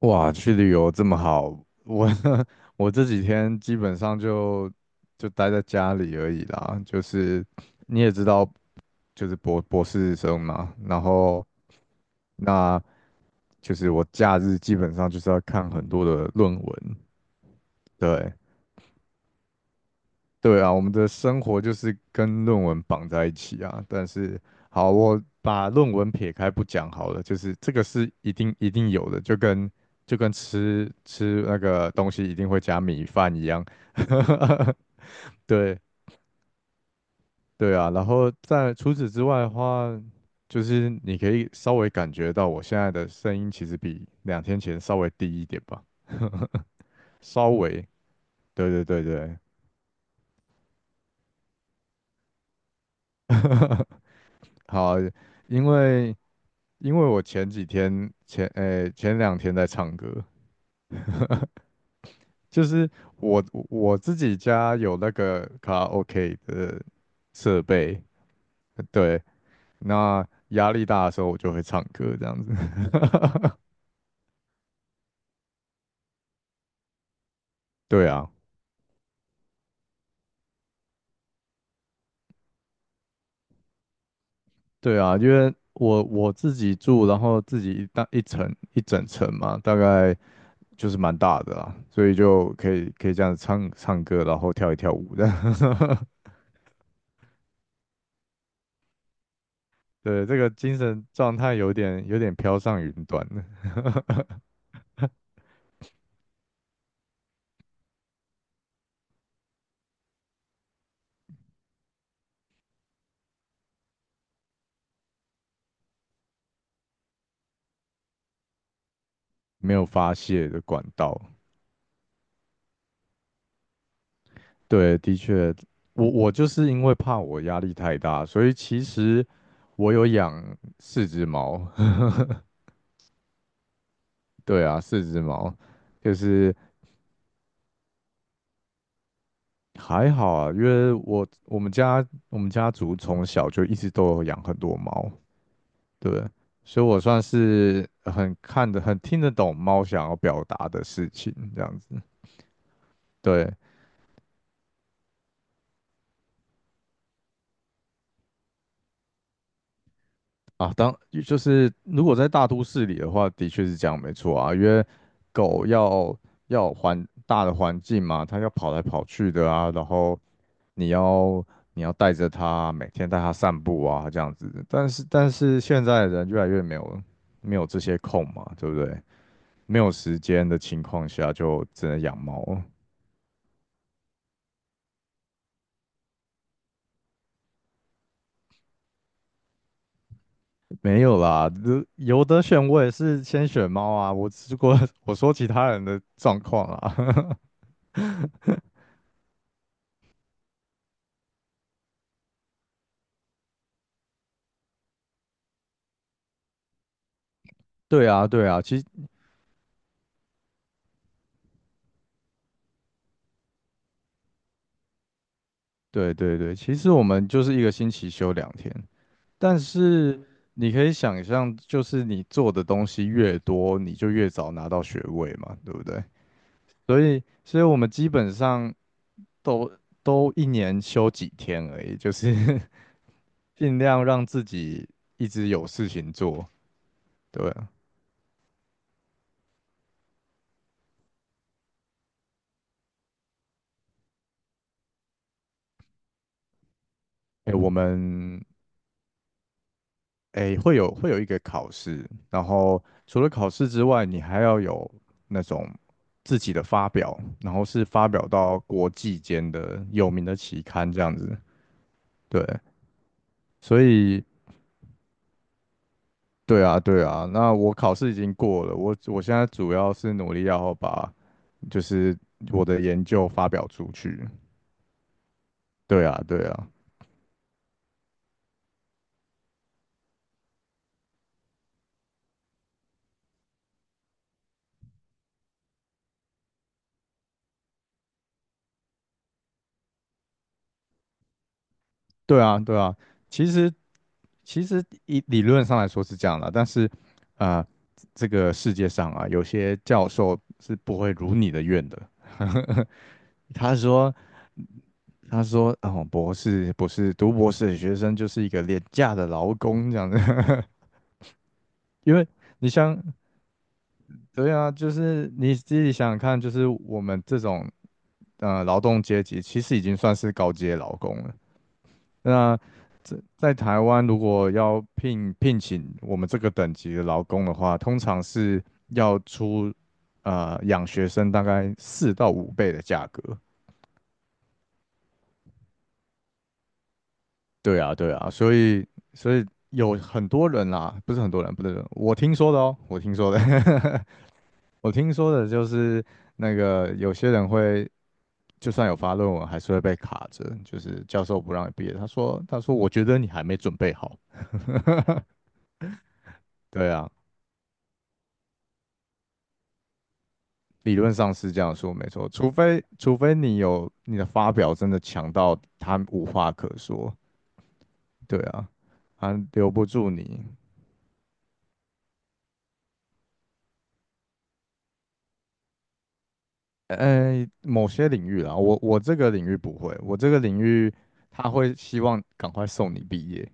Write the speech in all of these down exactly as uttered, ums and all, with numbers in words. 哇，去旅游这么好，我 我这几天基本上就就待在家里而已啦。就是你也知道，就是博博士生嘛，然后那就是我假日基本上就是要看很多的论文，对，对啊，我们的生活就是跟论文绑在一起啊。但是，好，我把论文撇开不讲好了，就是这个是一定一定有的，就跟就跟吃吃那个东西一定会加米饭一样。对对啊，然后在除此之外的话，就是你可以稍微感觉到我现在的声音其实比两天前稍微低一点吧，稍微，对对对对，好，因为。因为我前几天前诶、前两天在唱歌，就是我我自己家有那个卡拉 OK 的设备，对，那压力大的时候我就会唱歌这样子。对啊，对啊，因为我我自己住，然后自己一大一层一整层嘛，大概就是蛮大的啦，所以就可以可以这样子唱唱歌，然后跳一跳舞的。对，这个精神状态有点有点飘上云端了。没有发泄的管道。对，的确，我我就是因为怕我压力太大，所以其实我有养四只猫。对啊，四只猫，就是还好啊，因为我我们家我们家族从小就一直都有养很多猫，对，所以我算是很看得很听得懂猫想要表达的事情，这样子。对，啊，当就是如果在大都市里的话，的确是这样，没错啊，因为狗要要有环大的环境嘛，它要跑来跑去的啊，然后你要你要带着它，每天带它散步啊，这样子。但是但是现在的人越来越没有没有这些空嘛，对不对？没有时间的情况下，就只能养猫。没有啦，如有得选，我也是先选猫啊。我如果 我说其他人的状况啊。对啊，对啊，其实。对对对，其实我们就是一个星期休两天，但是你可以想象，就是你做的东西越多，你就越早拿到学位嘛，对不对？所以，所以我们基本上都都一年休几天而已，就是 尽量让自己一直有事情做。对啊，哎，我们诶，会有会有一个考试，然后除了考试之外，你还要有那种自己的发表，然后是发表到国际间的有名的期刊这样子。对，所以对啊，对啊，那我考试已经过了，我我现在主要是努力要把就是我的研究发表出去。对啊，对啊，对啊，对啊。其实其实以理论上来说是这样的，但是，啊，这个世界上啊，有些教授是不会如你的愿的。他说："他说，哦，博士博士，读博士的学生就是一个廉价的劳工这样子，因为你想，对啊，就是你自己想想看，就是我们这种呃劳动阶级，其实已经算是高阶劳工了。那在在台湾，如果要聘聘请我们这个等级的劳工的话，通常是要出呃养学生大概四到五倍的价格。对啊，对啊，所以所以有很多人啦，不是很多人，不是我听说的哦，我听说的，我听说的就是那个有些人会，就算有发论文，还是会被卡着，就是教授不让你毕业。他说他说我觉得你还没准备好。对啊。理论上是这样说，没错，除非除非你有你的发表真的强到他无话可说，对啊，他留不住你。呃，某些领域啦，我我这个领域不会，我这个领域他会希望赶快送你毕业，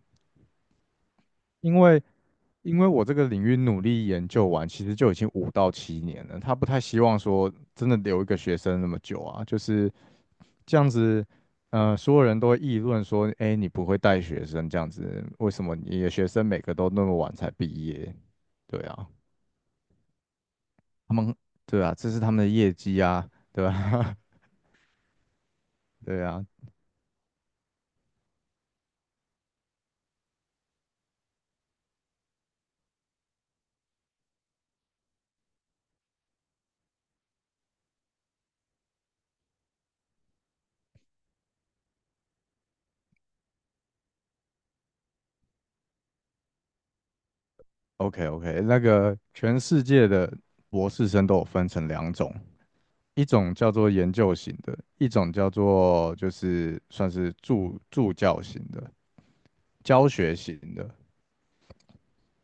因为因为我这个领域努力研究完，其实就已经五到七年了，他不太希望说真的留一个学生那么久啊，就是这样子，呃，所有人都会议论说，哎，你不会带学生这样子，为什么你的学生每个都那么晚才毕业？对啊，他们，对啊，这是他们的业绩啊，对吧？对啊，OK OK,那个全世界的博士生都有分成两种，一种叫做研究型的，一种叫做就是算是助助教型的、教学型的。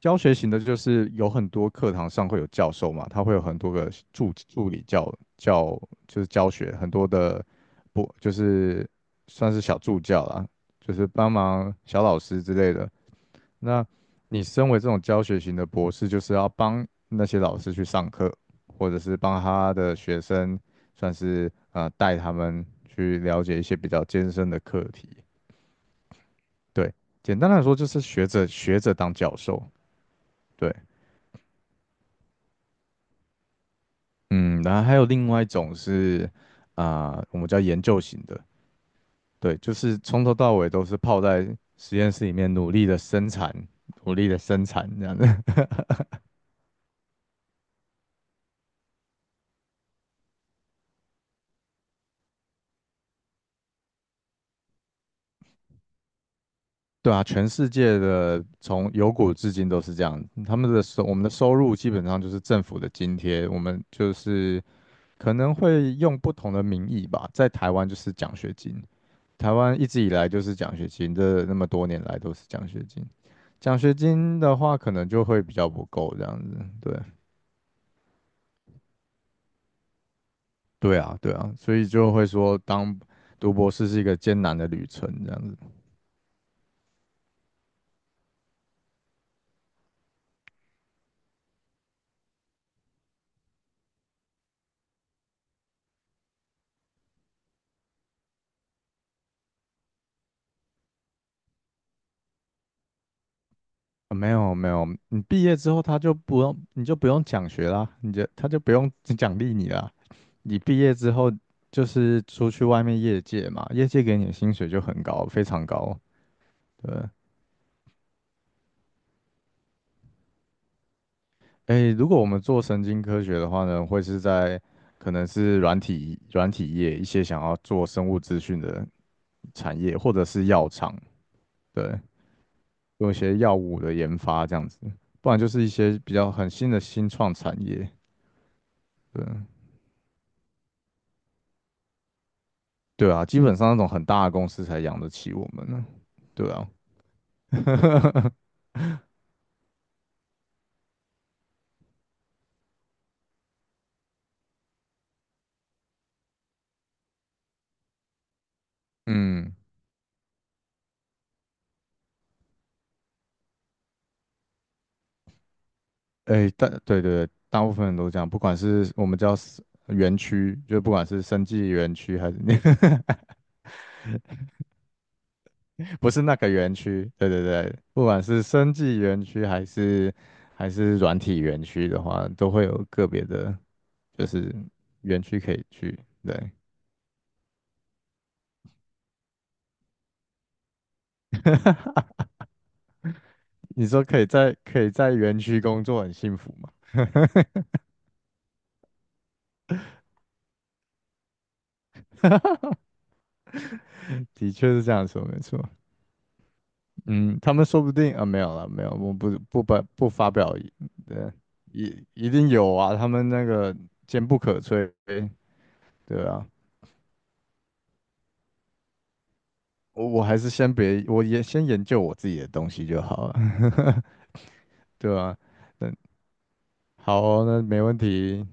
教学型的，就是有很多课堂上会有教授嘛，他会有很多个助助理教教，就是教学很多的不就是算是小助教啦，就是帮忙小老师之类的。那你身为这种教学型的博士，就是要帮那些老师去上课，或者是帮他的学生，算是呃带他们去了解一些比较艰深的课题。对，简单来说就是学者学者当教授。对。嗯，然后还有另外一种是，啊、我们叫研究型的，对，就是从头到尾都是泡在实验室里面努力的生产，努力的生产这样子。对啊，全世界的从有古至今都是这样，他们的收我们的收入基本上就是政府的津贴，我们就是可能会用不同的名义吧，在台湾就是奖学金，台湾一直以来就是奖学金，这那么多年来都是奖学金。奖学金的话，可能就会比较不够这样子。对，对啊，对啊，所以就会说，当读博士是一个艰难的旅程这样子。啊没有没有，你毕业之后他就不用，你就不用奖学啦，你就他就不用奖励你啦。你毕业之后就是出去外面业界嘛，业界给你的薪水就很高，非常高。对，诶，如果我们做神经科学的话呢，会是在可能是软体软体业一些想要做生物资讯的产业，或者是药厂，对，用一些药物的研发这样子，不然就是一些比较很新的新创产业，对，对啊，基本上那种很大的公司才养得起我们呢，对啊，嗯，哎，大对对对大部分人都这样，不管是我们叫 s- 园区，就不管是生技园区还是那个 不是那个园区，对对对，不管是生技园区还是还是软体园区的话，都会有个别的，就是园区可以去。对，你说可以在可以在园区工作很幸福吗？的确是这样说，没错。嗯，他们说不定啊，没有了，没有，我不不不不发表意对，一一定有啊，他们那个坚不可摧，对啊，我我还是先别，我也先研究我自己的东西就好了，对啊。好哦，那没问题，